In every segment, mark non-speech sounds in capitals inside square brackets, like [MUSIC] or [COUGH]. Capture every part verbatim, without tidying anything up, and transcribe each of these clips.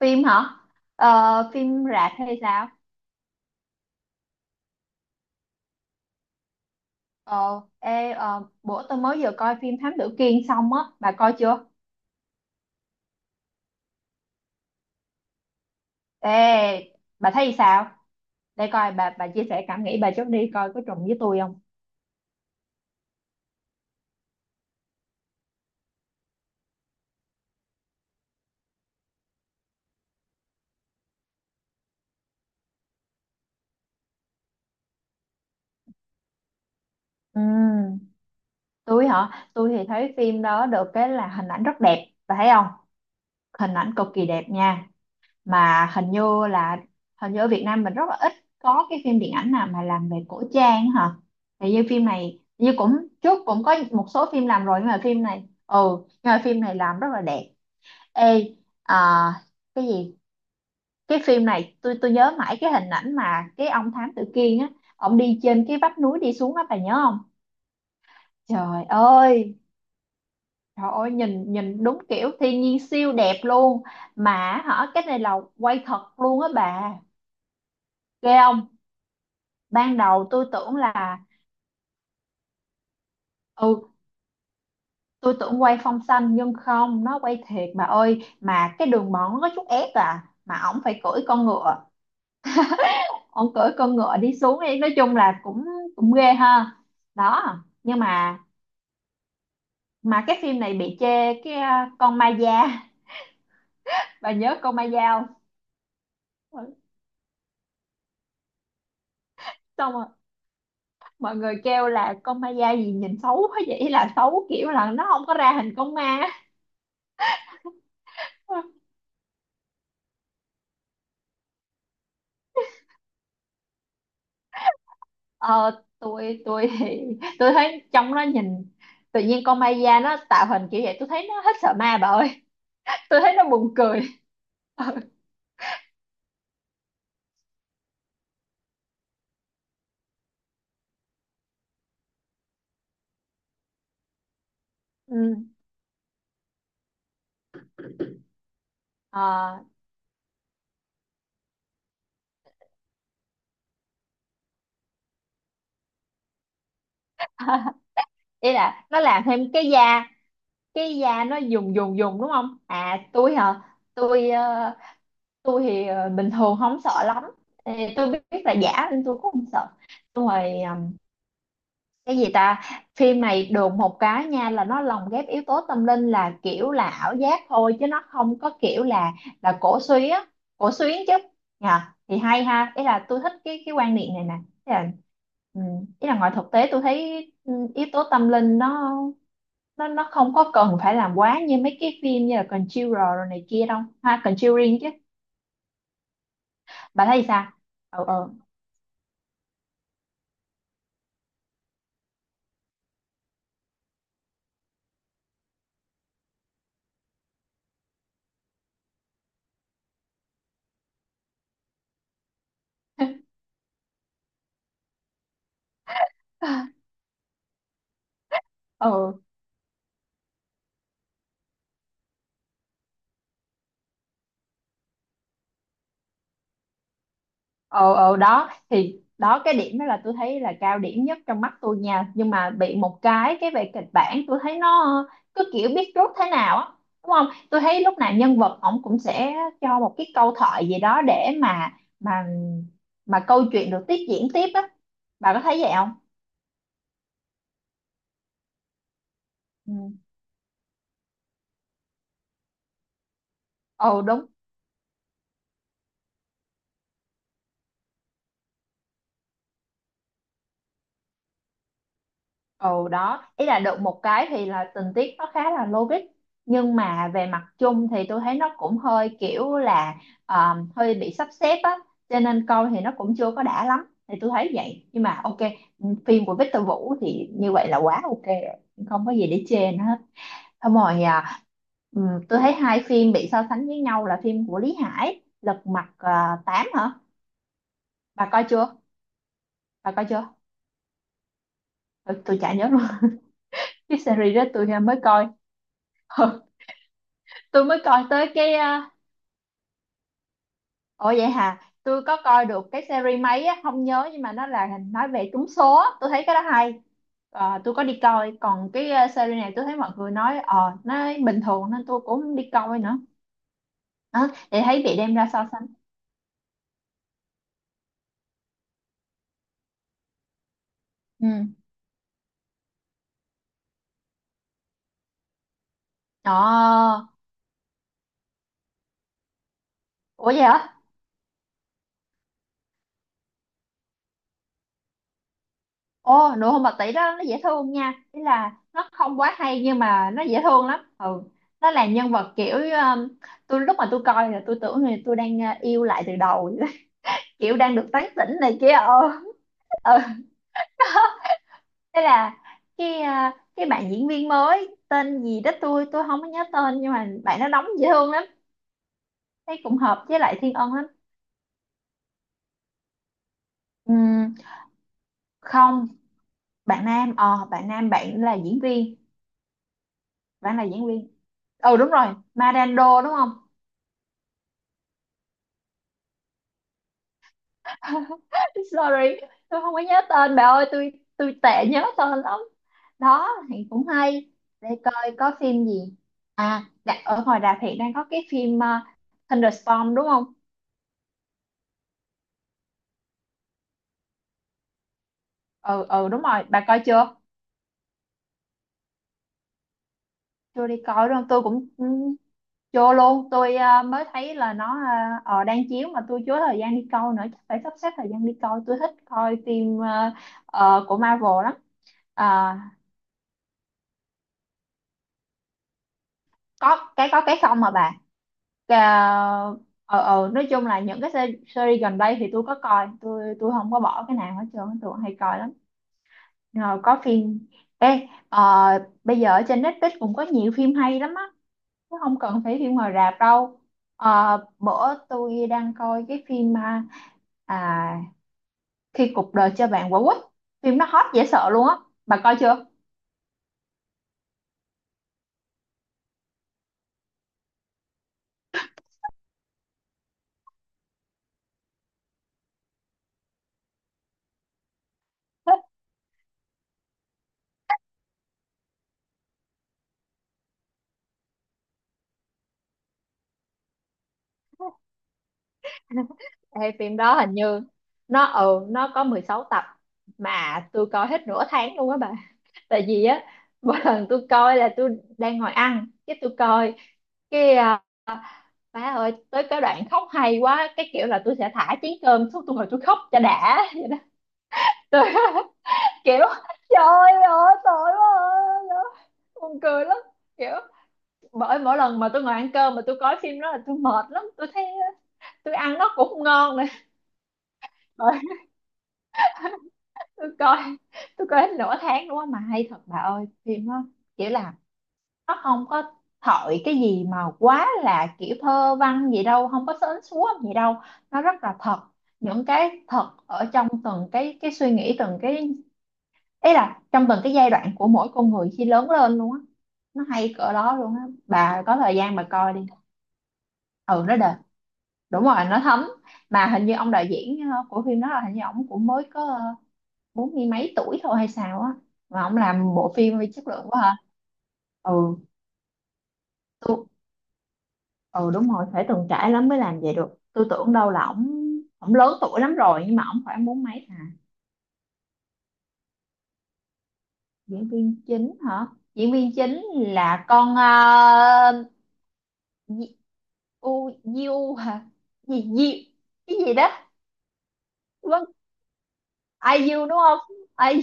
Phim hả? Ờ, phim rạp hay sao? Ờ ê ờ, bữa tôi mới vừa coi phim Thám Tử Kiên xong á, bà coi chưa? Ê, bà thấy sao? Để coi bà, bà chia sẻ cảm nghĩ bà trước đi, coi có trùng với tôi không? Ừ, tôi hả? Tôi thì thấy phim đó được cái là hình ảnh rất đẹp, bà thấy không? Hình ảnh cực kỳ đẹp nha. Mà hình như là Hình như ở Việt Nam mình rất là ít có cái phim điện ảnh nào mà làm về cổ trang hả. Thì như phim này, như cũng trước cũng có một số phim làm rồi, nhưng mà phim này, ừ nhưng mà phim này làm rất là đẹp. Ê, à, cái gì? Cái phim này tôi tôi nhớ mãi cái hình ảnh mà cái ông thám tử Kiên á, ông đi trên cái vách núi đi xuống á, bà nhớ không? Trời ơi, trời ơi, nhìn nhìn đúng kiểu thiên nhiên siêu đẹp luôn. Mà hả, cái này là quay thật luôn á bà, ghê không? Ban đầu tôi tưởng là, ừ, tôi tưởng quay phong xanh, nhưng không, nó quay thiệt bà ơi, mà cái đường mòn nó có chút ép à, mà ổng phải cưỡi con ngựa, ổng cưỡi con ngựa đi xuống ấy. Nói chung là cũng, cũng ghê ha. Đó, nhưng mà, mà cái phim này bị chê cái à, con ma da. [LAUGHS] Bà nhớ con ma da không? Ừ, xong rồi mọi người kêu là con ma da gì nhìn xấu quá vậy, là xấu kiểu là nó không có ra hình con ma. Ờ, tôi tôi thì [LAUGHS] tôi thấy trong nó nhìn tự nhiên, con Maya nó tạo hình kiểu vậy tôi thấy nó hết sợ ma bà ơi. [LAUGHS] Tôi thấy nó buồn cười. [LAUGHS] Ừ. Ừ. Ờ, [LAUGHS] ý là nó làm thêm cái da, cái da nó dùng dùng dùng đúng không? À, tôi hả? Tôi, ờ, tôi thì ờ, bình thường không sợ lắm. Ê, tôi biết là giả nên tôi cũng không sợ. Xong rồi ờ, cái gì ta? Phim này đồn một cái nha, là nó lồng ghép yếu tố tâm linh là kiểu là ảo giác thôi, chứ nó không có kiểu là là cổ suý á, cổ xuyến chứ, nhờ. Thì hay ha, ý là tôi thích cái cái quan niệm này nè. Ý là, ừ, ý là ngoài thực tế tôi thấy ừ, yếu tố tâm linh nó, nó nó không có cần phải làm quá như mấy cái phim như là Conjurer rồi này kia đâu ha, Conjuring chứ. Bà thấy sao? Ừ ừ [LAUGHS] Ừ. ờ ờ đó thì đó, cái điểm đó là tôi thấy là cao điểm nhất trong mắt tôi nha. Nhưng mà bị một cái, cái về kịch bản tôi thấy nó cứ kiểu biết rút thế nào á, đúng không? Tôi thấy lúc nào nhân vật ổng cũng sẽ cho một cái câu thoại gì đó để mà mà mà câu chuyện được tiếp diễn tiếp á, bà có thấy vậy không? Ừ. Ừ đúng. Ồ đó, ý là được một cái thì là tình tiết nó khá là logic, nhưng mà về mặt chung thì tôi thấy nó cũng hơi kiểu là, ờ, hơi bị sắp xếp á, cho nên coi thì nó cũng chưa có đã lắm, thì tôi thấy vậy. Nhưng mà ok, phim của Victor Vũ thì như vậy là quá ok rồi, không có gì để chê nữa hết. Xong rồi à, ừm, tôi thấy hai phim bị so sánh với nhau là phim của Lý Hải Lật Mặt uh, tám hả. Bà coi chưa? bà coi chưa tôi, tôi chả nhớ luôn. [LAUGHS] Cái series đó tôi mới coi. [LAUGHS] Tôi mới coi tới cái à, ồ vậy hả, tôi có coi được cái series mấy á không nhớ, nhưng mà nó là nói về trúng số á. Tôi thấy cái đó hay. Ờ, tôi có đi coi. Còn cái à, series này tôi thấy mọi người nói ờ nó bình thường nên tôi cũng không đi coi nữa. Đó, để thấy bị đem ra so sánh. Ừ. Ờ. Ủa vậy hả? Ồ, nụ hôn bạc tỷ đó nó dễ thương nha, ý là nó không quá hay nhưng mà nó dễ thương lắm. Ừ, nó là nhân vật kiểu um, tôi lúc mà tôi coi là tôi tưởng là tôi đang à, yêu lại từ đầu. [LAUGHS] Kiểu đang được tán tỉnh này kia. Ờ, ừ. [LAUGHS] Thế là cái à, cái bạn diễn viên mới tên gì đó tôi tôi không có nhớ tên, nhưng mà bạn nó đóng dễ thương lắm, thấy cũng hợp với lại Thiên Ân lắm. Ừm, không, bạn nam, ờ bạn nam bạn là diễn viên, bạn là diễn viên ừ đúng rồi, Marando đúng không? [LAUGHS] Sorry, tôi không có nhớ tên bà ơi, tôi tôi tệ nhớ tên lắm. Đó, thì cũng hay. Để coi có phim gì. À, đã, ở ngoài rạp hiện đang có cái phim ờ, Thunderstorm đúng không? Ừ, ừ đúng rồi, bà coi chưa? Chưa đi coi đúng không? Tôi cũng ừ, chưa luôn. Tôi ờ, mới thấy là nó ờ, ờ, đang chiếu mà tôi chưa có thời gian đi coi nữa. Chắc phải sắp xếp thời gian đi coi. Tôi thích coi phim ờ, ờ, của Marvel lắm. Ờ, có cái có cái không mà bà. Cà- ờ ờ nói chung là những cái se- series gần đây thì tôi có coi, tôi tôi không có bỏ cái nào hết trơn, tôi hay coi lắm. Rồi có phim ê ờ, bây giờ ở trên Netflix cũng có nhiều phim hay lắm á, chứ không cần phải phim ngoài rạp đâu. Ờ, bữa tôi đang coi cái phim à, à, Khi cuộc đời cho bạn quả quýt, phim nó hot dễ sợ luôn á, bà coi chưa? [LAUGHS] Ê, phim đó hình như nó ừ nó có mười sáu tập, mà tôi coi hết nửa tháng luôn á bà. [LAUGHS] Tại vì á, mỗi lần tôi coi là tôi đang ngồi ăn cái tôi coi cái à, má ơi, tới cái đoạn khóc hay quá cái kiểu là tôi sẽ thả chén cơm xuống, tôi ngồi tôi khóc cho đã. [LAUGHS] Vậy đó. Tôi [LAUGHS] kiểu trời ơi tội quá à." Buồn cười lắm, kiểu bởi mỗi lần mà tôi ngồi ăn cơm mà tôi coi phim đó là tôi mệt lắm, tôi thấy à, tôi ăn nó cũng không ngon nữa. tôi coi tôi coi hết nửa tháng đúng không, mà hay thật bà ơi phim đó. Kiểu là nó không có thổi cái gì mà quá là kiểu thơ văn gì đâu, không có sến súa gì đâu, nó rất là thật. Những cái thật ở trong từng cái cái suy nghĩ, từng cái ý là trong từng cái giai đoạn của mỗi con người khi lớn lên luôn á. Nó hay cỡ đó luôn á, bà có thời gian bà coi đi. Ừ, nó đệt, đúng rồi nó thấm. Mà hình như ông đạo diễn ờ, của phim đó là hình như ổng cũng mới có ờ, bốn mươi mấy tuổi thôi hay sao á, mà ông làm bộ phim với chất lượng quá hả. Ừ, tôi ừ đúng rồi, phải từng trải lắm mới làm vậy được. Tôi tưởng đâu là ổng, ổng lớn tuổi lắm rồi, nhưng mà ổng khoảng bốn mấy à. Diễn viên chính hả? Diễn viên chính là con uh, Di- u Diu hả, gì Diu, cái gì đó. Vâng, ai u đúng không? Ai?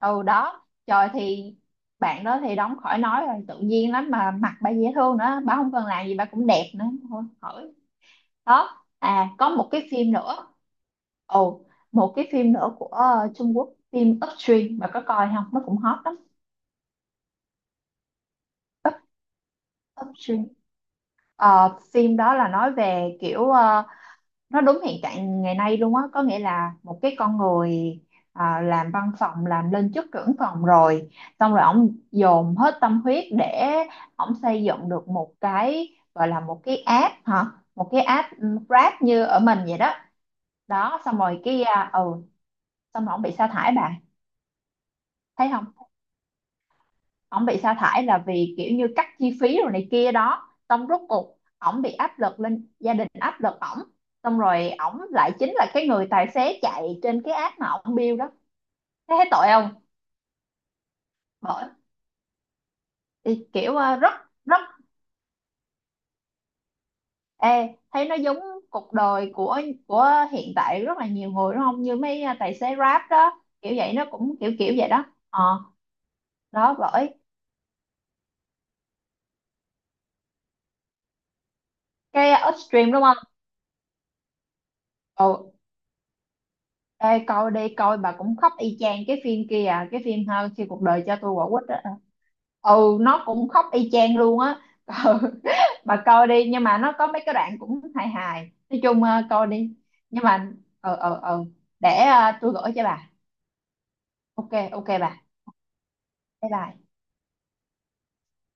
Ừ, đó trời thì bạn đó thì đóng khỏi nói rồi, tự nhiên lắm, mà mặt bà dễ thương nữa, bà không cần làm gì bà cũng đẹp nữa, thôi khỏi. Đó à, có một cái phim nữa, ồ, một cái phim nữa của ờ, Trung Quốc, phim Upstream, bà có coi không, nó cũng hot lắm. Upstream. Ờ, phim đó là nói về kiểu ờ, nó đúng hiện trạng ngày nay luôn á, có nghĩa là một cái con người à, làm văn phòng làm lên chức trưởng phòng rồi, xong rồi ổng dồn hết tâm huyết để ổng xây dựng được một cái gọi là một cái app hả, một cái app Grab như ở mình vậy đó. Đó, xong rồi cái à, ừ, xong rồi ổng bị sa thải bà thấy không. Ổng bị sa thải là vì kiểu như cắt chi phí rồi này kia đó, xong rốt cuộc ổng bị áp lực lên gia đình, áp lực ổng, xong rồi ổng lại chính là cái người tài xế chạy trên cái app mà ổng build đó. Thế thấy tội không? Bởi thì kiểu ờ, rất rất ê thấy nó giống cuộc đời của của hiện tại rất là nhiều người đúng không, như mấy ờ, tài xế Grab đó kiểu vậy, nó cũng kiểu kiểu vậy đó. Ờ, đó bởi, cái Upstream đúng không. Ừ, ê coi đi, coi bà cũng khóc y chang cái phim kia à, cái phim ha, khi cuộc đời cho tôi quả quýt á. Ừ, nó cũng khóc y chang luôn á. Ừ, [LAUGHS] bà coi đi, nhưng mà nó có mấy cái đoạn cũng hài hài, nói chung ờ, coi đi, nhưng mà ờ ờ ờ để ờ, tôi gửi cho bà. Ok ok bà, bye bye.